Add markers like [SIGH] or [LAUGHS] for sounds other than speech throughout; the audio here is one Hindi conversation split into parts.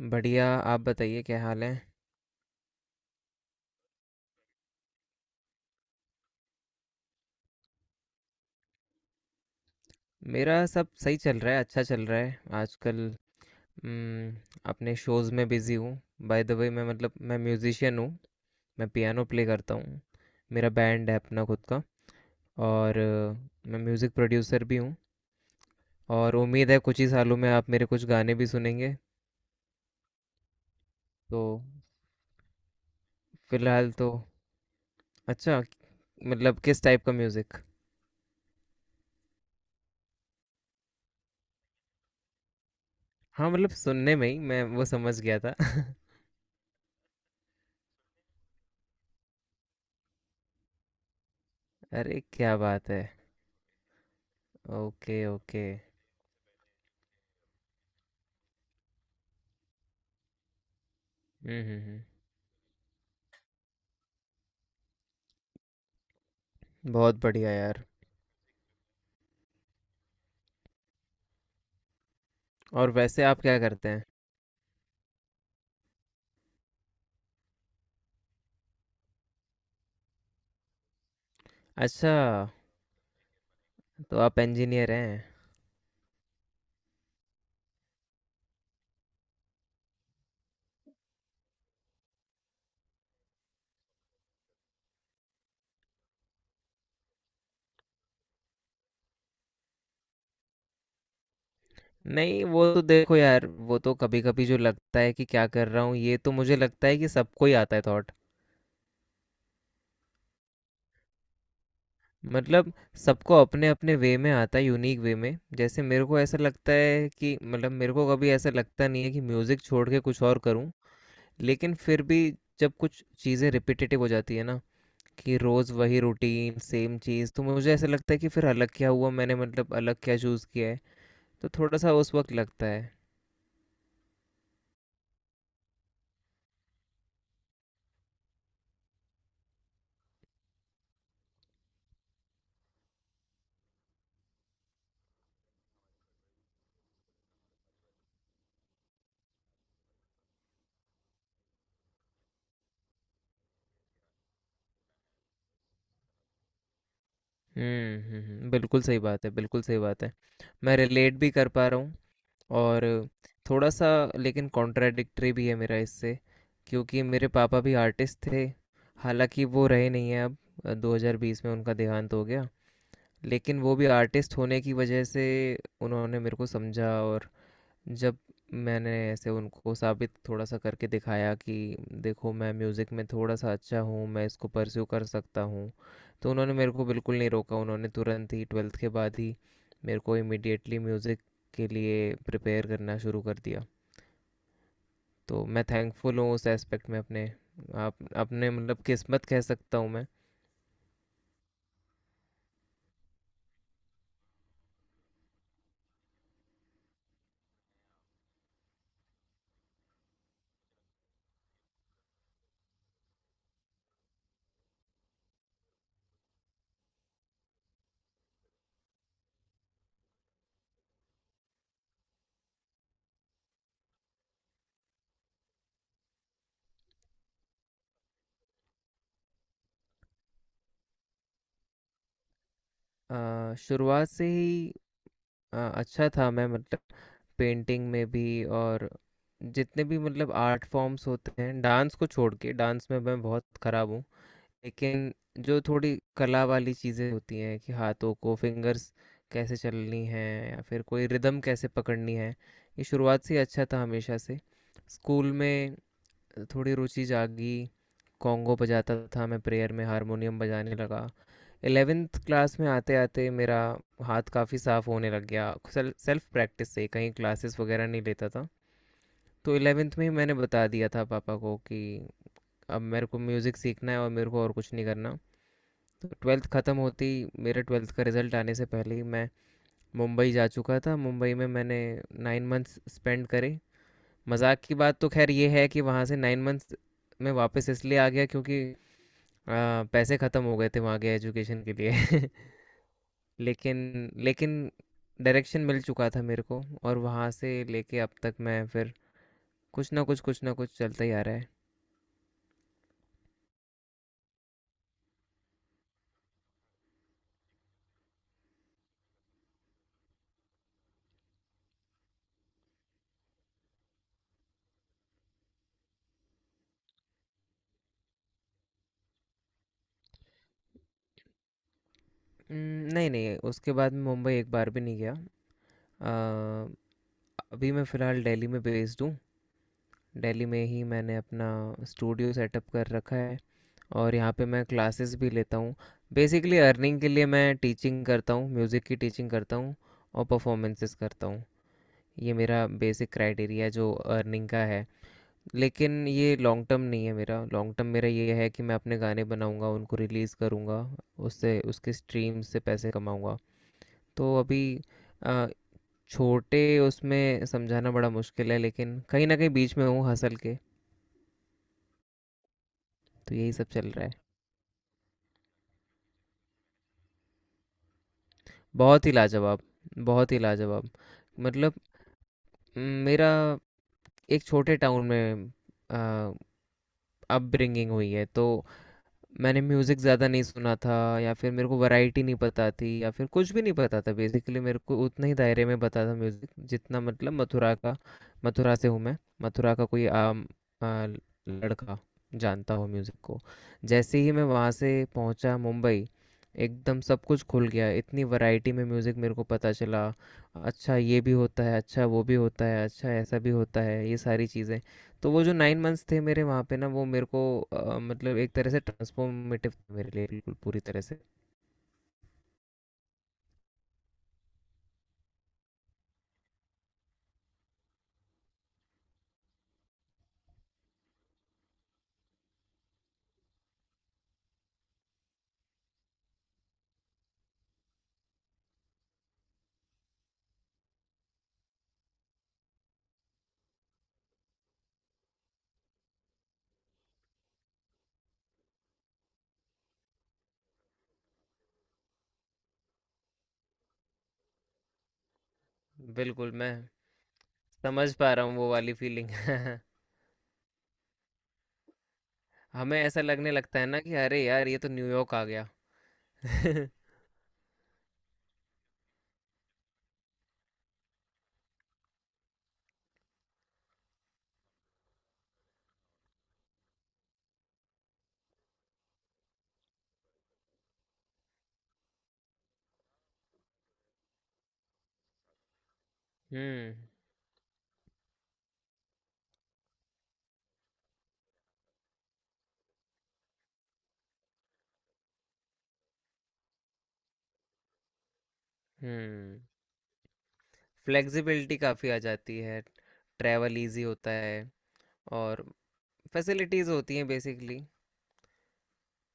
बढ़िया, आप बताइए क्या हाल है? मेरा सब सही चल रहा है, अच्छा चल रहा है। आजकल उम, अपने शोज़ में बिज़ी हूँ। बाय द वे मैं, मतलब, मैं म्यूज़िशियन हूँ, मैं पियानो प्ले करता हूँ। मेरा बैंड है अपना खुद का। और मैं म्यूज़िक प्रोड्यूसर भी हूँ, और उम्मीद है कुछ ही सालों में आप मेरे कुछ गाने भी सुनेंगे। तो फ़िलहाल तो अच्छा, मतलब, किस टाइप का म्यूज़िक? हाँ, मतलब सुनने में ही मैं वो समझ गया था। [LAUGHS] अरे, क्या बात है! Okay, okay. हुँ, हुँ, हुँ। बहुत बढ़िया यार। और वैसे आप क्या करते हैं? अच्छा, तो आप इंजीनियर हैं। नहीं, वो तो देखो यार, वो तो कभी-कभी जो लगता है कि क्या कर रहा हूँ, ये तो मुझे लगता है कि सबको ही आता है थॉट। मतलब सबको अपने-अपने वे में आता है, यूनिक वे में। जैसे मेरे को ऐसा लगता है कि, मतलब, मेरे को कभी ऐसा लगता नहीं है कि म्यूज़िक छोड़ के कुछ और करूँ। लेकिन फिर भी जब कुछ चीज़ें रिपिटेटिव हो जाती है ना, कि रोज़ वही रूटीन, सेम चीज़, तो मुझे ऐसा लगता है कि फिर अलग क्या हुआ मैंने, मतलब अलग क्या चूज़ किया है। तो थोड़ा-सा उस वक़्त लगता है। हुँ, हुँ, हुँ। बिल्कुल सही बात है, बिल्कुल सही बात है। मैं रिलेट भी कर पा रहा हूँ, और थोड़ा-सा लेकिन कॉन्ट्राडिक्टरी भी है मेरा इससे, क्योंकि मेरे पापा भी आर्टिस्ट थे। हालाँकि वो रहे नहीं हैं अब। 2020 में उनका देहांत हो गया। लेकिन वो भी आर्टिस्ट होने की वजह से उन्होंने मेरे को समझा। और जब मैंने ऐसे उनको साबित थोड़ा सा करके दिखाया कि देखो मैं म्यूज़िक में थोड़ा सा अच्छा हूँ, मैं इसको परस्यू कर सकता हूँ, तो उन्होंने मेरे को बिल्कुल नहीं रोका। उन्होंने तुरंत ही ट्वेल्थ के बाद ही मेरे को इमिडिएटली म्यूज़िक के लिए प्रिपेयर करना शुरू कर दिया। तो मैं थैंकफुल हूँ उस एस्पेक्ट में, अपने आप, अपने मतलब किस्मत कह सकता हूँ मैं। शुरुआत से ही अच्छा था मैं, मतलब पेंटिंग में भी, और जितने भी, मतलब, आर्ट फॉर्म्स होते हैं, डांस को छोड़ के। डांस में मैं बहुत खराब हूँ, लेकिन जो थोड़ी कला वाली चीज़ें होती हैं कि हाथों को फिंगर्स कैसे चलनी है या फिर कोई रिदम कैसे पकड़नी है, ये शुरुआत से ही अच्छा था हमेशा से। स्कूल में थोड़ी रुचि जागी, कॉन्गो बजाता था मैं, प्रेयर में हारमोनियम बजाने लगा। एलेवेंथ क्लास में आते आते मेरा हाथ काफ़ी साफ होने लग गया, सेल्फ प्रैक्टिस से, कहीं क्लासेस वगैरह नहीं लेता था। तो 11th में ही मैंने बता दिया था पापा को कि अब मेरे को म्यूज़िक सीखना है और मेरे को और कुछ नहीं करना। तो ट्वेल्थ ख़त्म होती, मेरे ट्वेल्थ का रिज़ल्ट आने से पहले ही मैं मुंबई जा चुका था। मुंबई में मैंने नाइन मंथ्स स्पेंड करे। मज़ाक की बात तो खैर ये है कि वहाँ से नाइन मंथ्स में वापस इसलिए आ गया क्योंकि पैसे ख़त्म हो गए थे वहाँ के एजुकेशन के लिए। [LAUGHS] लेकिन, लेकिन डायरेक्शन मिल चुका था मेरे को। और वहाँ से लेके अब तक मैं फिर कुछ ना कुछ चलता ही आ रहा है। उम, नहीं, नहीं, उसके बाद मैं मुंबई एक बार भी नहीं गया। अ, अभी मैं फ़िलहाल दिल्ली में बेस्ड हूँ। दिल्ली में ही मैंने अपना स्टूडियो सेटअप कर रखा है, और यहाँ पे मैं क्लासेस भी लेता हूँ। बेसिकली अर्निंग के लिए मैं टीचिंग करता हूँ, म्यूज़िक की टीचिंग करता हूँ, और परफॉर्मेंसेस करता हूँ। ये मेरा बेसिक क्राइटेरिया जो अर्निंग का है। लेकिन ये लॉन्ग टर्म नहीं है मेरा। लॉन्ग टर्म मेरा ये है कि मैं अपने गाने बनाऊँगा, उनको रिलीज़ करूँगा, उससे, उसके स्ट्रीम से पैसे कमाऊँगा। तो अभी अ, छोटे, उसमें समझाना बड़ा मुश्किल है, लेकिन कहीं ना कहीं बीच में हूँ हसल के, तो यही सब चल रहा है। बहुत ही लाजवाब, बहुत ही लाजवाब। मतलब म, मेरा एक छोटे टाउन में अपब्रिंगिंग हुई है, तो मैंने म्यूज़िक ज़्यादा नहीं सुना था, या फिर मेरे को वैरायटी नहीं पता थी, या फिर कुछ भी नहीं पता था बेसिकली। मेरे को उतना ही दायरे में पता था म्यूज़िक, जितना, मतलब, मथुरा का। मथुरा से हूँ मैं, मथुरा का कोई आम आ, लड़का जानता हो म्यूज़िक को। जैसे ही मैं वहाँ से पहुँचा मुंबई, एकदम सब कुछ खुल गया, इतनी वैरायटी में म्यूज़िक मेरे को पता चला। अच्छा ये भी होता है, अच्छा वो भी होता है, अच्छा ऐसा भी होता है, ये सारी चीज़ें। तो वो जो 9 मंथ्स थे मेरे वहाँ पे ना, वो मेरे को मतलब एक तरह से ट्रांसफॉर्मेटिव था मेरे लिए, बिल्कुल पूरी तरह से। बिल्कुल, मैं समझ पा रहा हूँ वो वाली फीलिंग। [LAUGHS] हमें ऐसा लगने लगता है ना कि अरे यार, ये तो न्यूयॉर्क आ गया। [LAUGHS] हम्म, हम्म। फ्लेक्सिबिलिटी काफ़ी आ जाती है, ट्रैवल इजी होता है, और फैसिलिटीज़ होती हैं बेसिकली।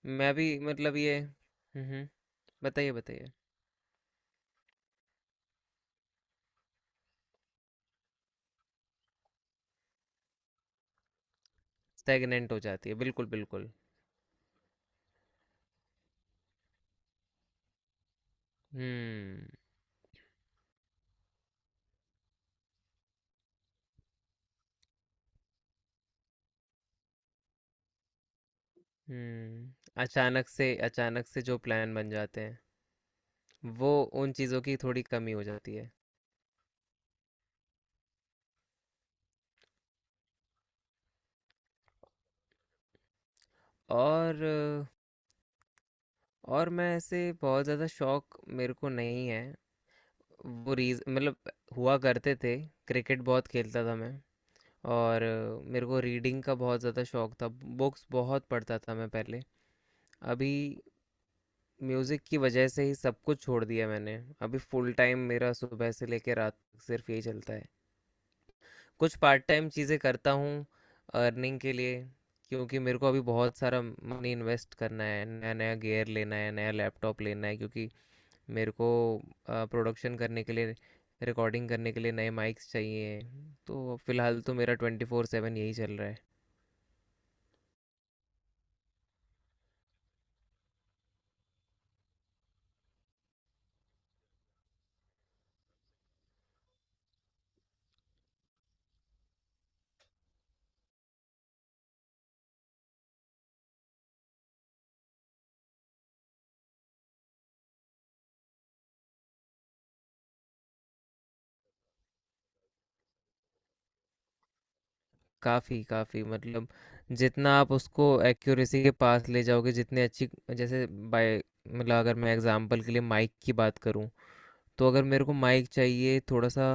मैं भी, मतलब, ये हम्म, बताइए, बताइए। स्टैगनेंट हो जाती है, बिल्कुल बिल्कुल। हम्म, हम्म। अचानक से, अचानक से जो प्लान बन जाते हैं, वो, उन चीज़ों की थोड़ी कमी हो जाती है। और और मैं, ऐसे बहुत ज़्यादा शौक मेरे को नहीं है। वो रीज मतलब हुआ करते थे, क्रिकेट बहुत खेलता था मैं। और मेरे को रीडिंग का बहुत ज़्यादा शौक था, बुक्स बहुत पढ़ता था मैं पहले। अभी म्यूज़िक की वजह से ही सब कुछ छोड़ दिया मैंने। अभी फुल टाइम मेरा सुबह से लेकर रात तक सिर्फ यही चलता है, कुछ पार्ट टाइम चीज़ें करता हूँ अर्निंग के लिए, क्योंकि मेरे को अभी बहुत सारा मनी इन्वेस्ट करना है। नया नया गियर लेना है, नया लैपटॉप लेना है, क्योंकि मेरे को प्रोडक्शन करने के लिए, रिकॉर्डिंग करने के लिए नए माइक्स चाहिए। तो फिलहाल तो मेरा 24/7 यही चल रहा है। काफ़ी काफ़ी, मतलब जितना आप उसको एक्यूरेसी के पास ले जाओगे, जितने अच्छी, जैसे बाय, मतलब, अगर मैं एग्जांपल के लिए माइक की बात करूं, तो अगर मेरे को माइक चाहिए थोड़ा सा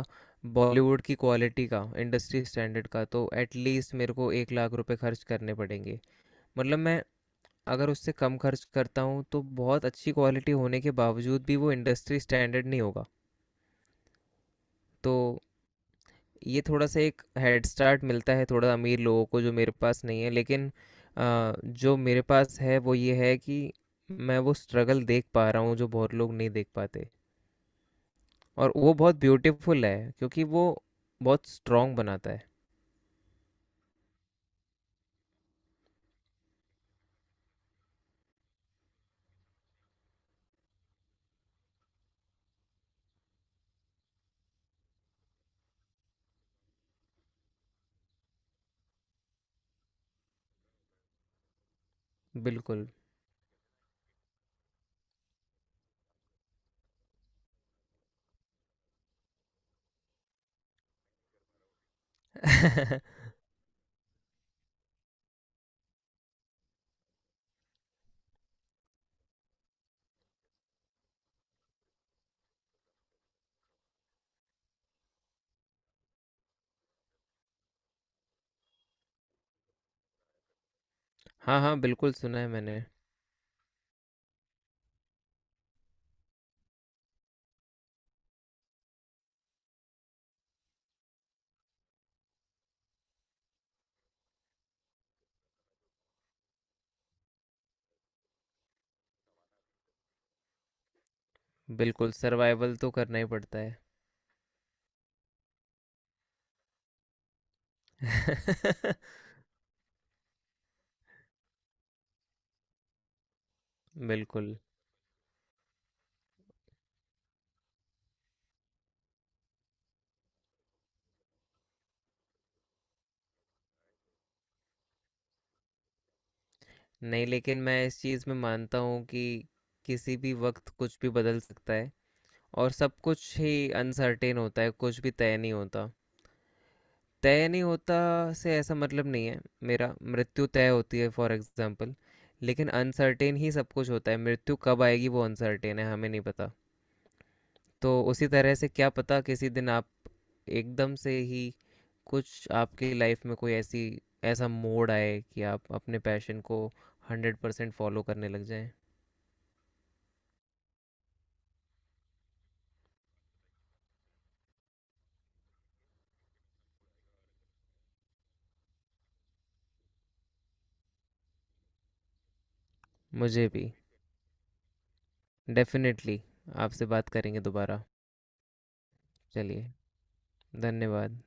बॉलीवुड की क्वालिटी का, इंडस्ट्री स्टैंडर्ड का, तो एटलीस्ट मेरे को 1 लाख रुपए खर्च करने पड़ेंगे। मतलब मैं, अगर उससे कम खर्च करता हूँ तो बहुत अच्छी क्वालिटी होने के बावजूद भी वो इंडस्ट्री स्टैंडर्ड नहीं होगा। तो ये थोड़ा सा एक हेड स्टार्ट मिलता है थोड़ा अमीर लोगों को, जो मेरे पास नहीं है। लेकिन जो मेरे पास है वो ये है कि मैं वो स्ट्रगल देख पा रहा हूँ जो बहुत लोग नहीं देख पाते, और वो बहुत ब्यूटीफुल है, क्योंकि वो बहुत स्ट्रॉन्ग बनाता है। बिल्कुल। [LAUGHS] हाँ, हाँ, बिल्कुल सुना है मैंने। बिल्कुल सर्वाइवल तो करना ही पड़ता है। [LAUGHS] बिल्कुल। नहीं, लेकिन मैं इस चीज़ में मानता हूँ कि किसी भी वक्त कुछ भी बदल सकता है, और सब कुछ ही अनसर्टेन होता है, कुछ भी तय नहीं होता। तय नहीं होता से ऐसा मतलब नहीं है मेरा, मृत्यु तय होती है फॉर एग्जांपल, लेकिन अनसर्टेन ही सब कुछ होता है। मृत्यु कब आएगी वो अनसर्टेन है, हमें नहीं पता। तो उसी तरह से क्या पता किसी दिन आप एकदम से ही, कुछ आपकी लाइफ में कोई ऐसी, ऐसा मोड़ आए कि आप अपने पैशन को 100% फॉलो करने लग जाएं। मुझे भी, डेफिनेटली, आपसे बात करेंगे दोबारा। चलिए, धन्यवाद।